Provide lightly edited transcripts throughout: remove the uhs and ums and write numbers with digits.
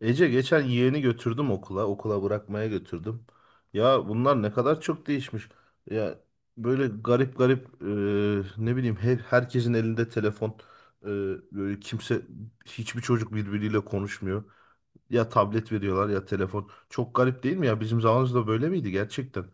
Ece geçen yeğeni götürdüm okula. Okula bırakmaya götürdüm. Ya bunlar ne kadar çok değişmiş. Ya böyle garip garip ne bileyim herkesin elinde telefon. E, böyle kimse hiçbir çocuk birbiriyle konuşmuyor. Ya tablet veriyorlar ya telefon. Çok garip değil mi ya? Bizim zamanımızda böyle miydi gerçekten?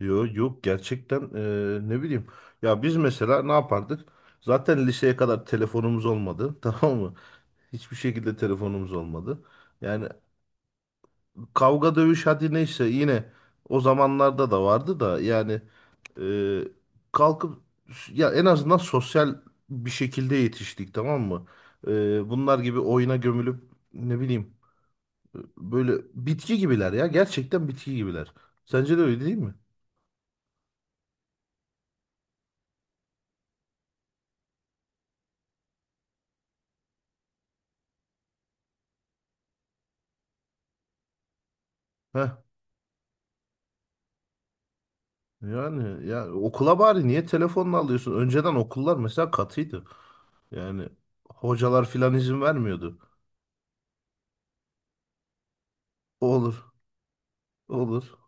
Yok yok gerçekten ne bileyim. Ya biz mesela ne yapardık? Zaten liseye kadar telefonumuz olmadı. Tamam mı? Hiçbir şekilde telefonumuz olmadı. Yani kavga dövüş hadi neyse yine o zamanlarda da vardı da yani e, kalkıp ya en azından sosyal bir şekilde yetiştik tamam mı? Bunlar gibi oyuna gömülüp ne bileyim böyle bitki gibiler ya gerçekten bitki gibiler. Sence de öyle değil mi? Heh, yani ya okula bari niye telefonla alıyorsun? Önceden okullar mesela katıydı. Yani hocalar filan izin vermiyordu. Olur, olur.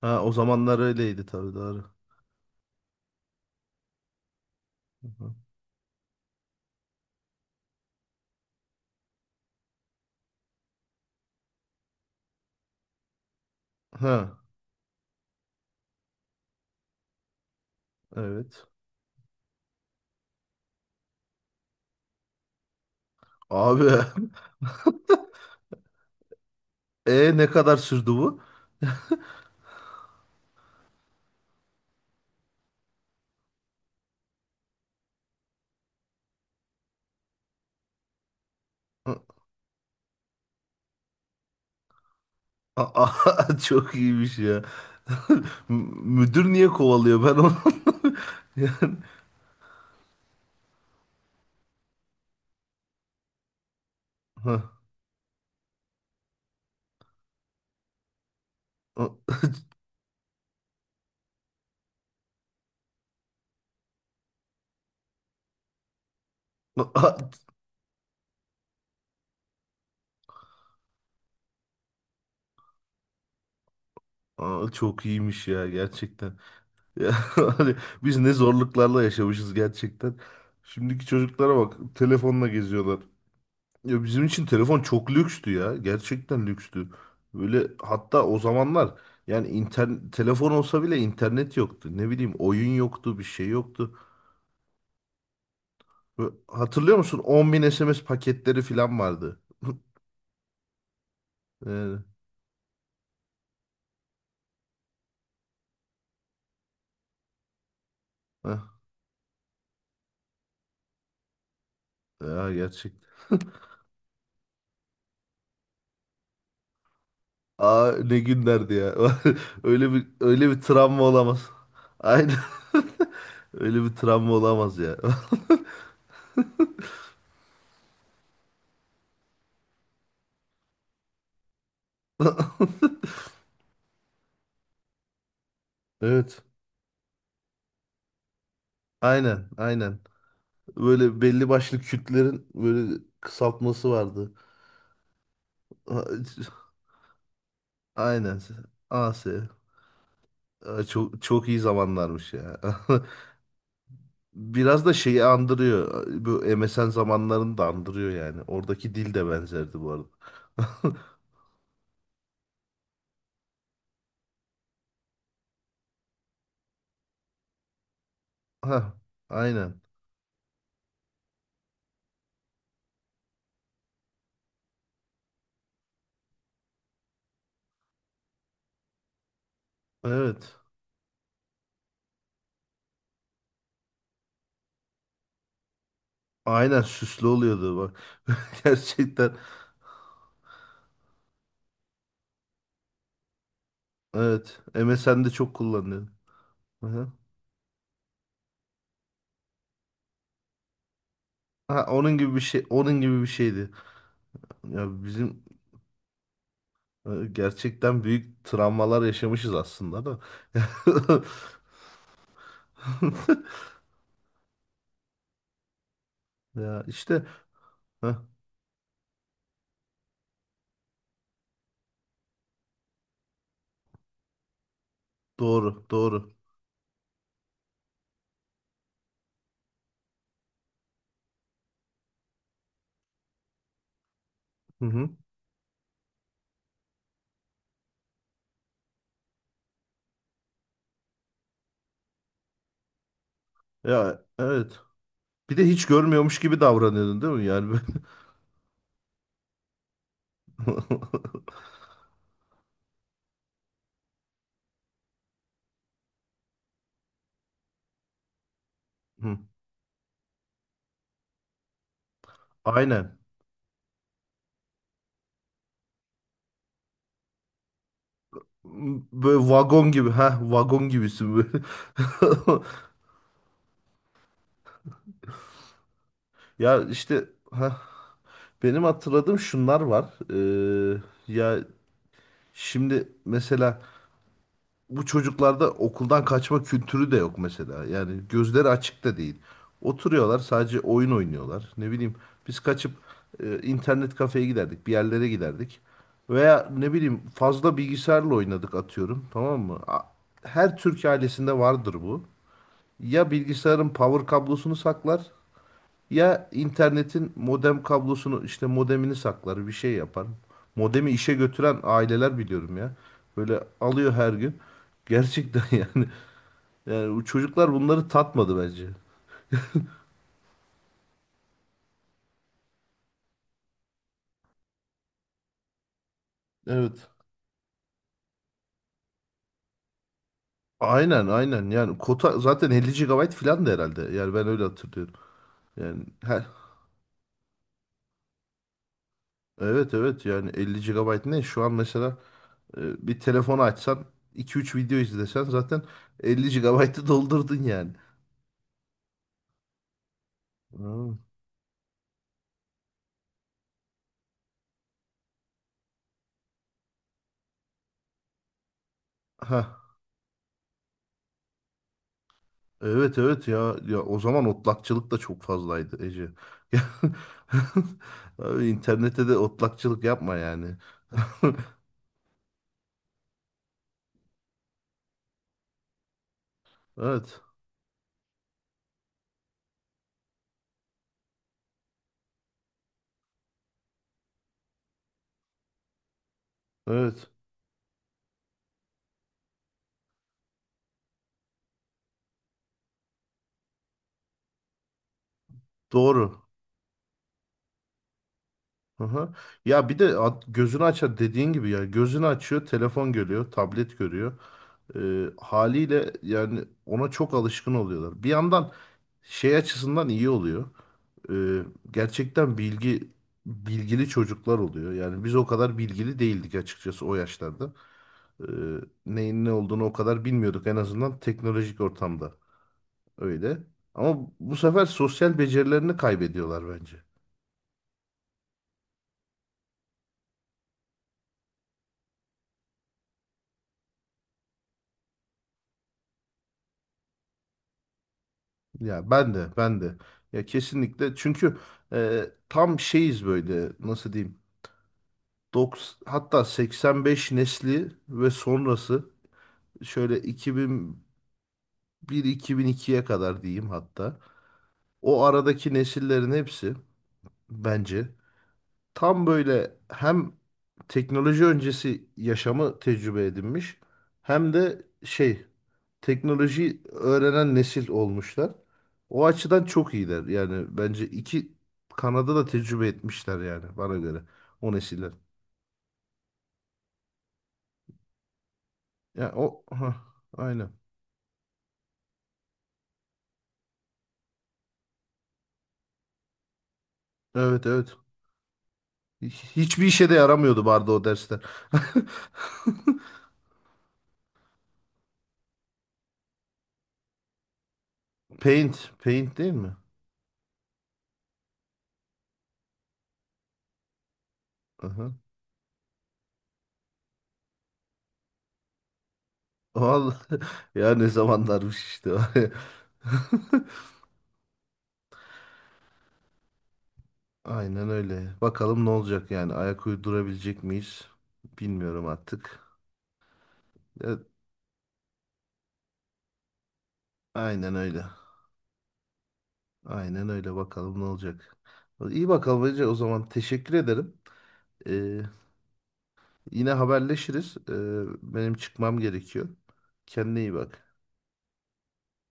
Ha, o zamanlar öyleydi tabii doğru. Ha, evet. Abi. E ne kadar sürdü bu? A- Çok iyiymiş ya. M- Müdür niye kovalıyor ben onu? Yani, ha, a- a- çok iyiymiş ya gerçekten. Ya, hani biz ne zorluklarla yaşamışız gerçekten. Şimdiki çocuklara bak telefonla geziyorlar. Ya bizim için telefon çok lükstü ya. Gerçekten lükstü. Böyle hatta o zamanlar yani telefon olsa bile internet yoktu. Ne bileyim oyun yoktu, bir şey yoktu. Ve hatırlıyor musun? 10.000 SMS paketleri falan vardı. Yani, heh, ya gerçekten. Aa, ne günlerdi ya. Öyle bir travma olamaz. Aynen. Öyle bir travma olamaz ya. Evet. Aynen, aynen. Böyle belli başlı kütlerin böyle kısaltması vardı. A- Aynen. AS. Aa, çok çok iyi zamanlarmış ya. Biraz da şeyi andırıyor. Bu MSN zamanlarını da andırıyor yani. Oradaki dil de benzerdi bu arada. Ha, aynen. Evet. Aynen süslü oluyordu bak. Gerçekten. Evet. MSN'de çok kullanılıyor. Aha. Ha, onun gibi bir şey, onun gibi bir şeydi. Ya bizim gerçekten büyük travmalar yaşamışız aslında da. Ya işte. Doğru, doğru. Hı hı. Ya evet. Bir de hiç görmüyormuş gibi davranıyordun değil mi? Yani böyle. Hı. Aynen. Böyle vagon gibi. Ha, vagon gibisin böyle. Ya işte ha benim hatırladığım şunlar var. Ee, ya şimdi mesela bu çocuklarda okuldan kaçma kültürü de yok mesela. Yani gözleri açık da değil. Oturuyorlar sadece oyun oynuyorlar. Ne bileyim biz kaçıp internet kafeye giderdik, bir yerlere giderdik. Veya ne bileyim fazla bilgisayarla oynadık atıyorum tamam mı? Her Türk ailesinde vardır bu. Ya bilgisayarın power kablosunu saklar ya internetin modem kablosunu işte modemini saklar bir şey yapar. Modemi işe götüren aileler biliyorum ya. Böyle alıyor her gün. Gerçekten, yani, bu çocuklar bunları tatmadı bence. Evet. Aynen aynen yani kota zaten 50 gigabayt falan da herhalde. Yani ben öyle hatırlıyorum. Yani evet evet yani 50 gigabayt ne? Şu an mesela bir telefonu açsan iki üç video izlesen zaten 50 gigabaytı doldurdun yani. Ha. Evet evet ya ya o zaman otlakçılık da çok fazlaydı Ece. Ya, abi internette de otlakçılık yapma yani. Evet. Evet. Doğru. Aha. Ya bir de gözünü açar dediğin gibi ya gözünü açıyor telefon görüyor tablet görüyor. Haliyle yani ona çok alışkın oluyorlar. Bir yandan şey açısından iyi oluyor. Ee, gerçekten bilgili çocuklar oluyor. Yani biz o kadar bilgili değildik açıkçası o yaşlarda. e, neyin ne olduğunu o kadar bilmiyorduk en azından teknolojik ortamda öyle. Ama bu sefer sosyal becerilerini kaybediyorlar bence. Ya ben de ya kesinlikle çünkü tam şeyiz böyle nasıl diyeyim, 90, hatta 85 nesli ve sonrası, şöyle 2001-2002'ye kadar diyeyim hatta, o aradaki nesillerin hepsi bence tam böyle hem teknoloji öncesi yaşamı tecrübe edinmiş hem de şey, teknoloji öğrenen nesil olmuşlar. O açıdan çok iyiler. Yani bence iki Kanada da tecrübe etmişler yani bana göre o nesiller. Ya o ha aynen. Evet evet. Hiçbir işe de yaramıyordu vardı o dersler. Paint, paint değil mi? Aha. Vallahi ya ne zamanlarmış işte. Aynen öyle. Bakalım ne olacak yani. Ayak uydurabilecek miyiz? Bilmiyorum artık. Evet, aynen öyle. Aynen öyle. Bakalım ne olacak. İyi bakalım Ece. O zaman teşekkür ederim. Ee, yine haberleşiriz. Benim çıkmam gerekiyor. Kendine iyi bak.